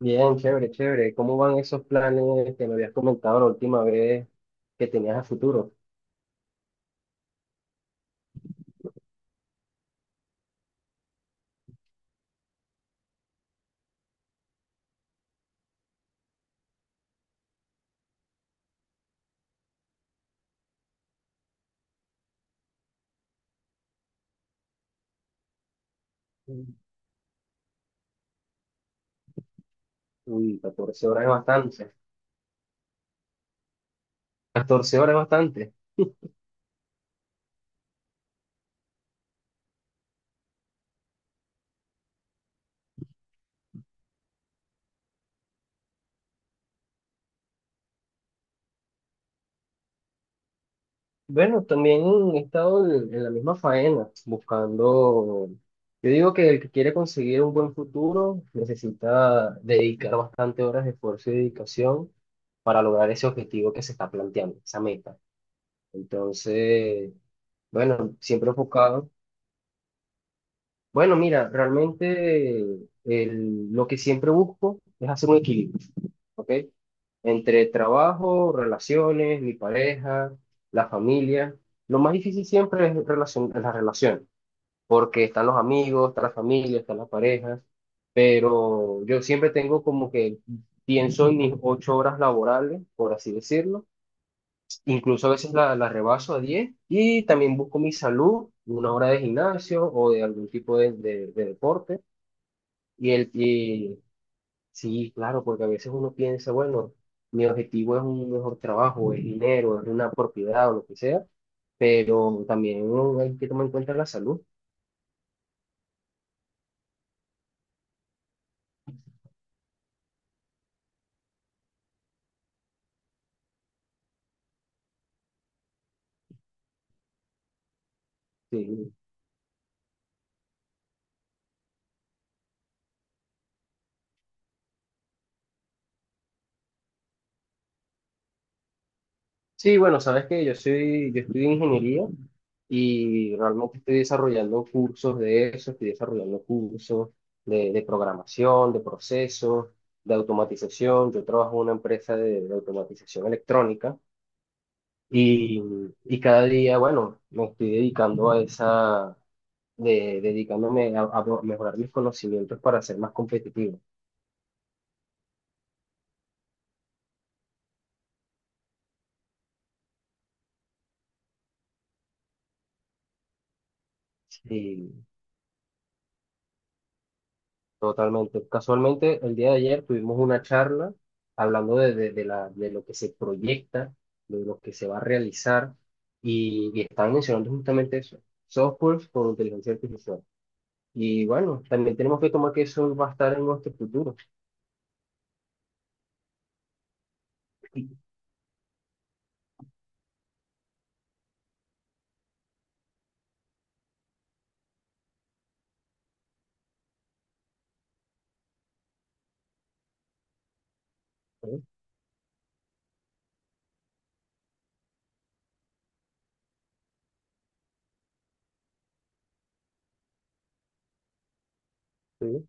Bien, chévere, chévere. ¿Cómo van esos planes que me habías comentado la última vez que tenías a futuro? Mm. Uy, 14 horas es bastante. 14 horas es bastante. Bueno, también he estado en la misma faena, buscando. Yo digo que el que quiere conseguir un buen futuro necesita dedicar bastante horas de esfuerzo y dedicación para lograr ese objetivo que se está planteando, esa meta. Entonces, bueno, siempre enfocado. Bueno, mira, realmente lo que siempre busco es hacer un equilibrio, ¿ok? Entre trabajo, relaciones, mi pareja, la familia. Lo más difícil siempre es es la relación, porque están los amigos, está la familia, están las parejas, pero yo siempre tengo como que pienso en mis 8 horas laborales, por así decirlo, incluso a veces la rebaso a 10, y también busco mi salud, una hora de gimnasio o de algún tipo de deporte y el, y, sí, claro, porque a veces uno piensa, bueno, mi objetivo es un mejor trabajo, es dinero, es una propiedad o lo que sea, pero también uno hay que tomar en cuenta la salud. Sí, sí, bueno, sabes que yo estudio ingeniería y realmente estoy desarrollando cursos de eso, estoy desarrollando cursos de programación, de procesos, de automatización. Yo trabajo en una empresa de automatización electrónica. Y, y cada día, bueno, me estoy dedicando a esa, dedicándome a mejorar mis conocimientos para ser más competitivo. Y totalmente. Casualmente, el día de ayer tuvimos una charla hablando de lo que se proyecta, de lo que se va a realizar, y estaban mencionando justamente eso, software con inteligencia artificial. Y bueno, también tenemos que tomar que eso va a estar en nuestro futuro. Sí, sí, sí,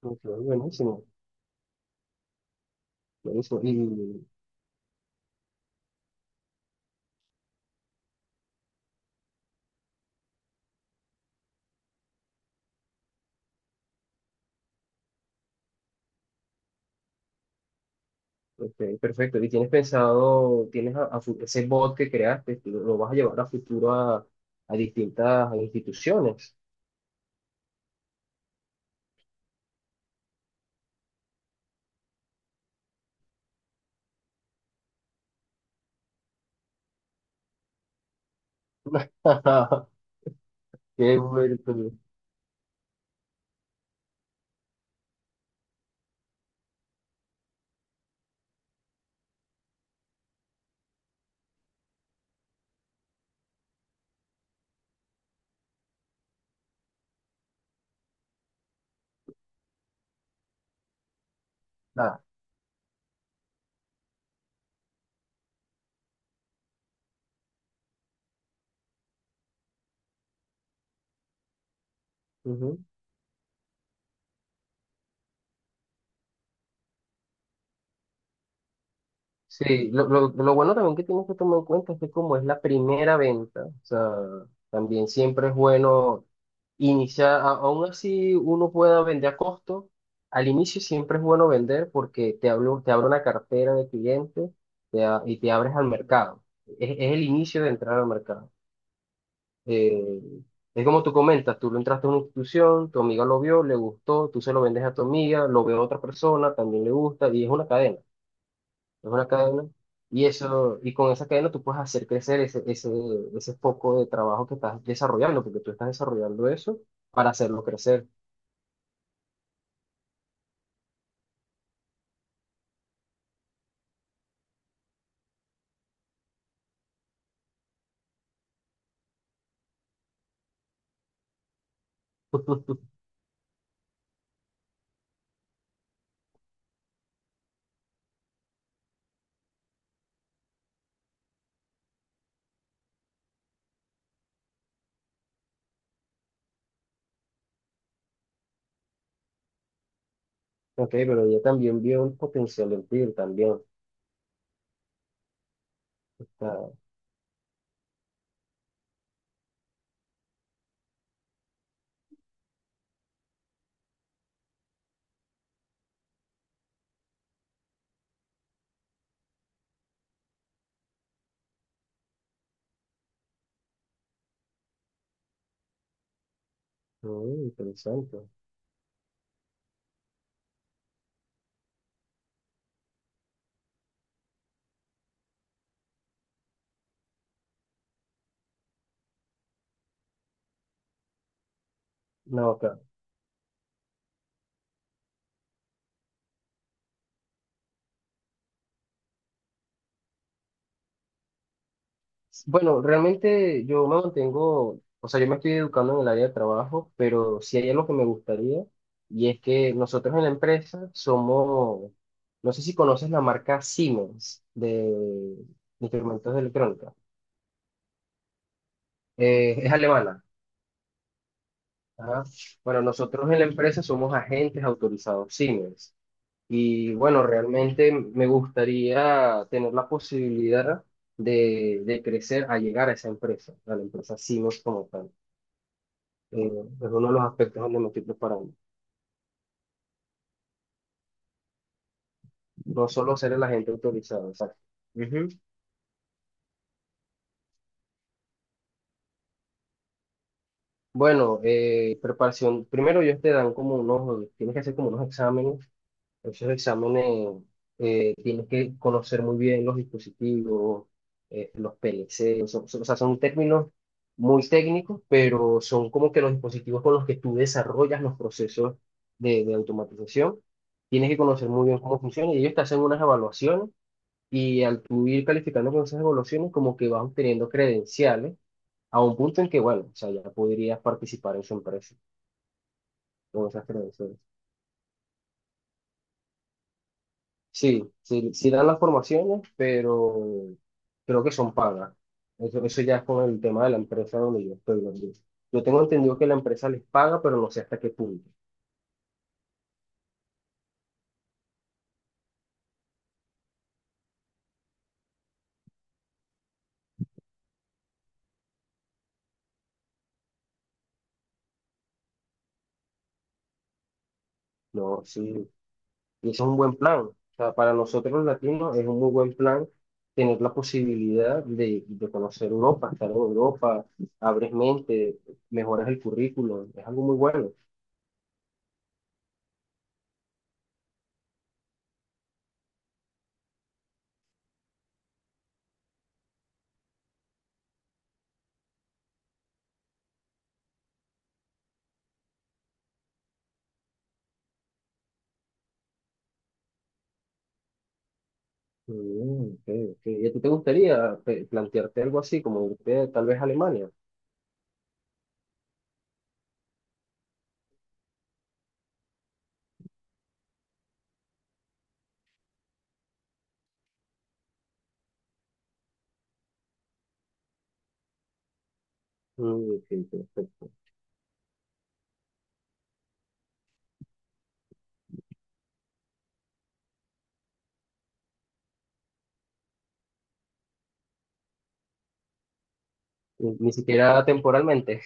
sí, buenísimo. Buenísimo. Ok, perfecto. ¿Y tienes pensado, tienes ese bot que creaste, lo vas a llevar a futuro a distintas instituciones? Qué bueno. Nada. Sí, lo bueno también que tienes que tomar en cuenta es que como es la primera venta, o sea, también siempre es bueno iniciar, aún así uno pueda vender a costo, al inicio siempre es bueno vender porque te hablo, te abre una cartera de clientes y te abres al mercado. Es el inicio de entrar al mercado. Eh, es como tú comentas, tú lo entraste a una institución, tu amiga lo vio, le gustó, tú se lo vendes a tu amiga, lo ve a otra persona, también le gusta y es una cadena, y eso, y con esa cadena tú puedes hacer crecer ese foco de trabajo que estás desarrollando, porque tú estás desarrollando eso para hacerlo crecer. Ok, pero ella también vio un potencial en ti también. O sea, mm, interesante. No, acá. Bueno, realmente yo me mantengo, o sea, yo me estoy educando en el área de trabajo, pero sí hay algo que me gustaría, y es que nosotros en la empresa somos, no sé si conoces la marca Siemens de instrumentos de electrónica. Es alemana. Ajá. Bueno, nosotros en la empresa somos agentes autorizados Siemens. Y bueno, realmente me gustaría tener la posibilidad de crecer a llegar a esa empresa, a la empresa Siemens como tal. Eh, es uno de los aspectos donde me estoy preparando. No solo ser el agente autorizado, exacto. Ujú. Bueno, preparación. Primero ellos te dan como unos, tienes que hacer como unos exámenes. Esos exámenes, tienes que conocer muy bien los dispositivos, los PLC, o sea, son términos muy técnicos, pero son como que los dispositivos con los que tú desarrollas los procesos de automatización. Tienes que conocer muy bien cómo funciona y ellos te hacen unas evaluaciones y al tú ir calificando con esas evaluaciones como que vas obteniendo credenciales a un punto en que, bueno, o sea, ya podrías participar en su empresa con esas credenciales. Sí, sí, sí dan las formaciones, pero creo que son pagas. Eso ya es con el tema de la empresa donde yo estoy. Yo tengo entendido que la empresa les paga, pero no sé hasta qué punto. No, sí. Y eso es un buen plan. O sea, para nosotros los latinos es un muy buen plan tener la posibilidad de conocer Europa, estar en Europa, abres mente, mejoras el currículum. Es algo muy bueno. Mm, ok, ok. ¿Y a ti te gustaría plantearte algo así, como irte tal vez a Alemania? Mm, ok, ok. Ni, ni siquiera temporalmente.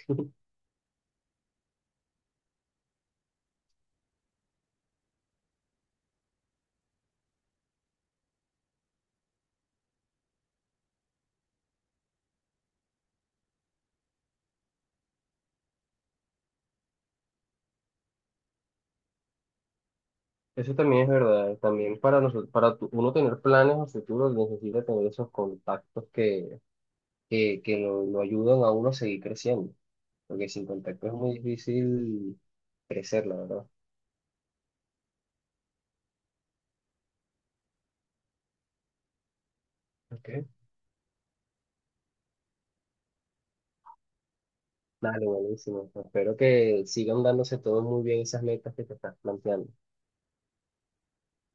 Eso también es verdad. También para nosotros, para uno tener planes a futuro, necesita tener esos contactos que lo ayudan a uno a seguir creciendo. Porque sin contacto es muy difícil crecer, la verdad. Okay. Dale, buenísimo. Espero que sigan dándose todos muy bien esas metas que te estás planteando.